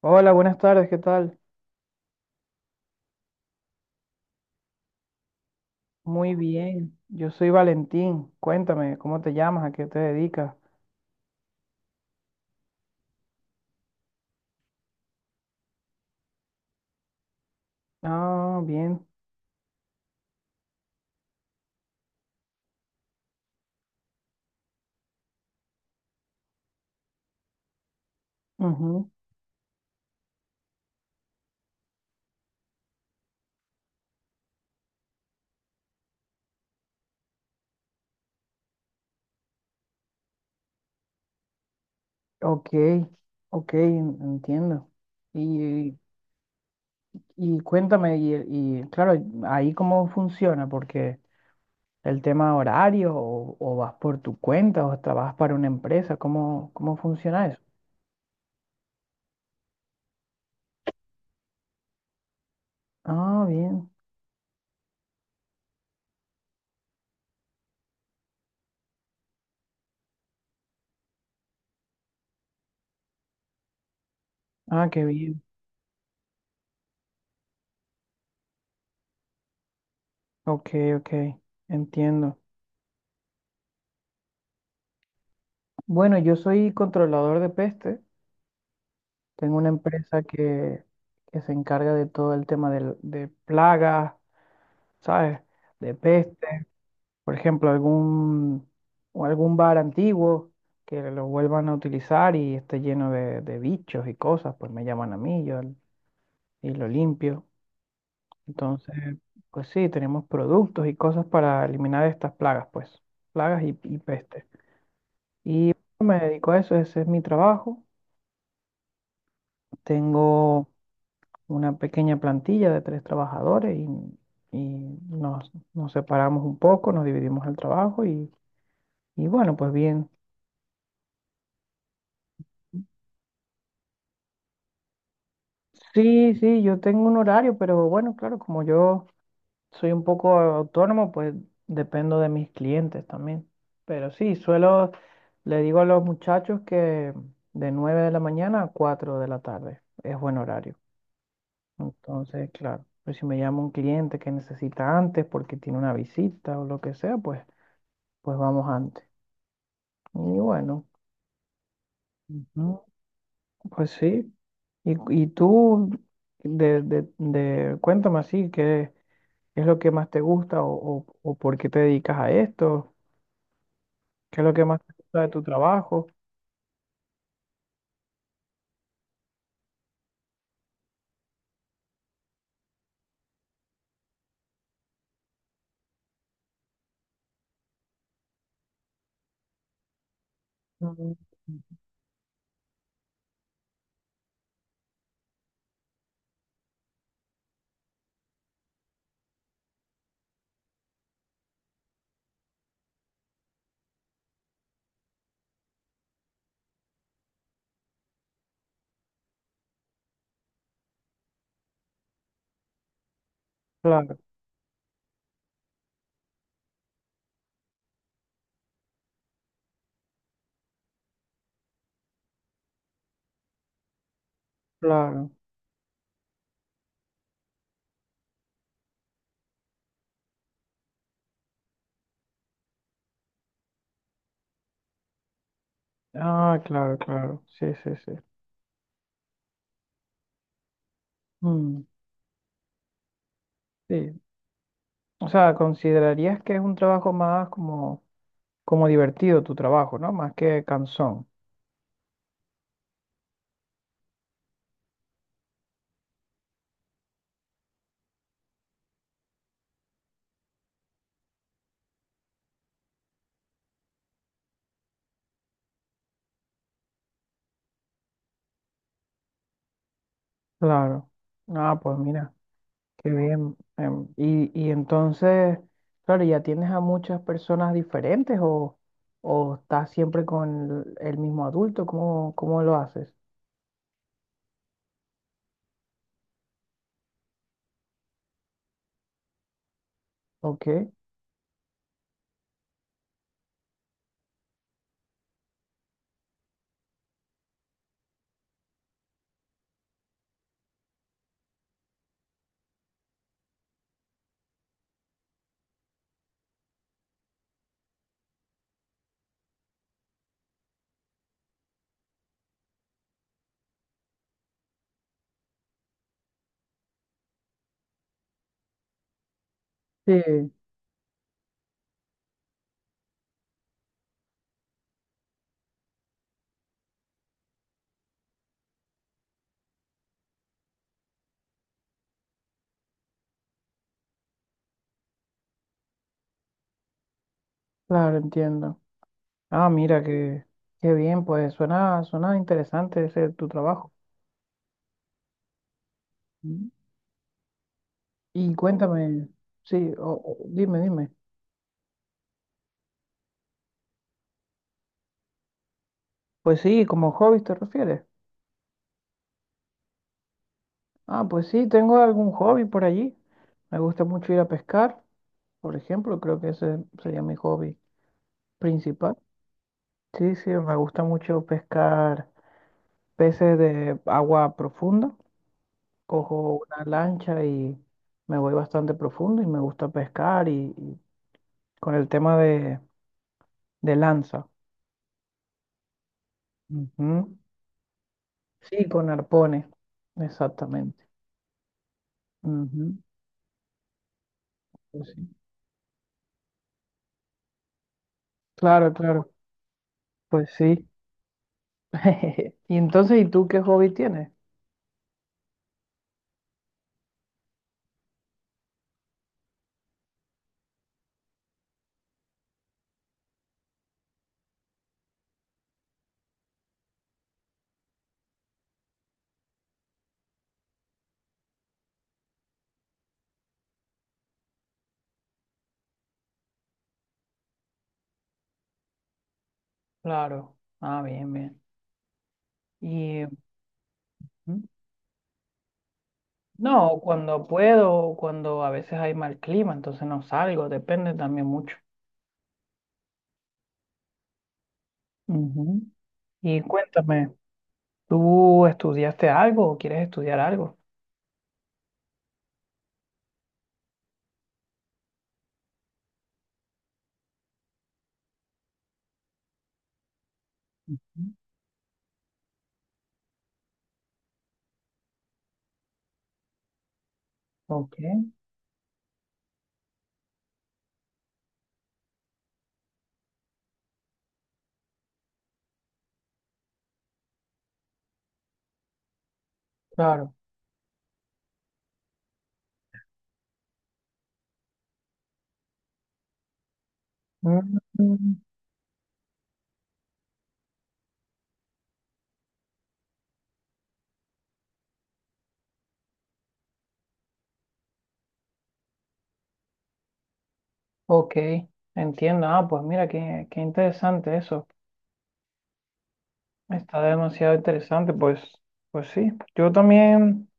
Hola, buenas tardes, ¿qué tal? Muy bien, yo soy Valentín. Cuéntame, ¿cómo te llamas? ¿A qué te dedicas? Ah, bien. Ujú. Ok, ok, entiendo. Y, y cuéntame, y claro, ahí cómo funciona, porque el tema horario o vas por tu cuenta o trabajas para una empresa, ¿ cómo funciona eso? Ah, bien. Ah, qué bien. Ok, ok, entiendo. Bueno, yo soy controlador de peste. Tengo una empresa que se encarga de todo el tema de plagas, ¿sabes? De peste, por ejemplo, o algún bar antiguo que lo vuelvan a utilizar y esté lleno de bichos y cosas, pues me llaman a mí, y lo limpio. Entonces, pues sí, tenemos productos y cosas para eliminar estas plagas, pues, plagas y peste. Y me dedico a eso, ese es mi trabajo. Tengo una pequeña plantilla de 3 trabajadores y, nos separamos un poco, nos dividimos el trabajo y bueno, pues bien. Sí, sí, yo tengo un horario, pero bueno, claro, como yo soy un poco autónomo, pues dependo de mis clientes también. Pero sí, suelo, le digo a los muchachos que de 9 de la mañana a 4 de la tarde es buen horario. Entonces, claro, pues si me llama un cliente que necesita antes porque tiene una visita o lo que sea, pues vamos antes. Y bueno, ujú, pues sí. Y tú, cuéntame así, ¿qué es lo que más te gusta o o por qué te dedicas a esto? ¿Qué es lo que más te gusta de tu trabajo? Mm. Claro, claro. Ah, claro, claro. Sí, sí, sí. Mm, sí. O sea, considerarías que es un trabajo más como, como divertido tu trabajo, ¿no? Más que cansón. Claro. Ah, pues mira. Qué bien. Y, y entonces, claro, ¿ya tienes a muchas personas diferentes o estás siempre con el mismo adulto? ¿Cómo, cómo lo haces? Ok. Sí, claro, entiendo. Ah, mira, qué, qué bien, pues suena, suena interesante ese tu trabajo. Mm. Y cuéntame, sí, o dime, dime. Pues sí, como hobby te refieres. Ah, pues sí, tengo algún hobby por allí. Me gusta mucho ir a pescar, por ejemplo, creo que ese sería mi hobby principal. Sí, sí, me gusta mucho pescar peces de agua profunda. Cojo una lancha y me voy bastante profundo y me gusta pescar y con el tema de lanza. Ujú. Sí, con arpones, exactamente. Ujú, pues sí. Claro, claro, pues sí. Y entonces, ¿y tú qué hobby tienes? Claro. Ah, bien, bien. Y ujú. No, cuando puedo, cuando a veces hay mal clima, entonces no salgo, depende también mucho. Ujú. Y cuéntame, ¿tú estudiaste algo o quieres estudiar algo? Ujú. Ok, claro. Mm, ok, entiendo. Ah, pues mira, qué, qué interesante eso. Está demasiado interesante. Pues, pues sí, yo también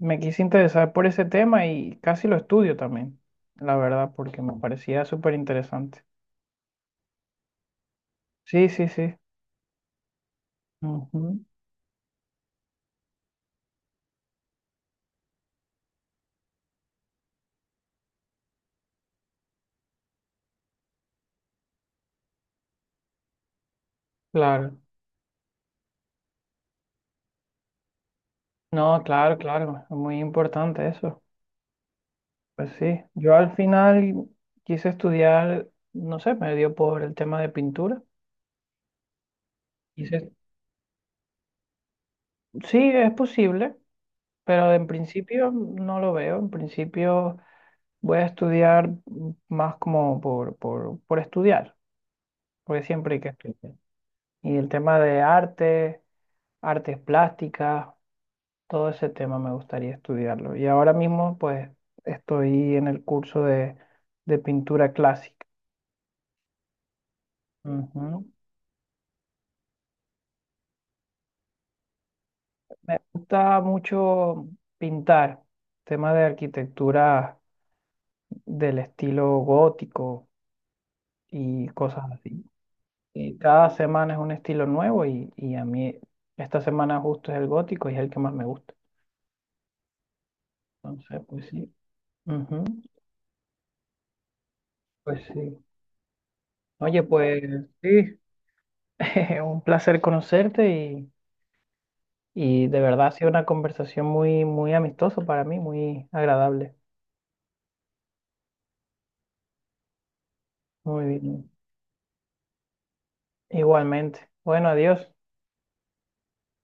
me quise interesar por ese tema y casi lo estudio también, la verdad, porque me parecía súper interesante. Sí, sí, sí. Claro, no, claro, claro, es muy importante eso. Pues sí, yo al final quise estudiar, no sé, me dio por el tema de pintura. Quise, sí, es posible, pero en principio no lo veo. En principio voy a estudiar más como por estudiar, porque siempre hay que estudiar. Y el tema de arte, artes plásticas, todo ese tema me gustaría estudiarlo. Y ahora mismo, pues, estoy en el curso de pintura clásica. Ujú. Me gusta mucho pintar, temas de arquitectura del estilo gótico y cosas así. Y cada semana es un estilo nuevo y a mí esta semana justo es el gótico y es el que más me gusta. Entonces, pues sí. Ujú. Pues sí. Oye, pues sí, un placer conocerte. Y de verdad ha sido una conversación muy, muy amistosa para mí, muy agradable. Muy bien. Igualmente. Bueno, adiós.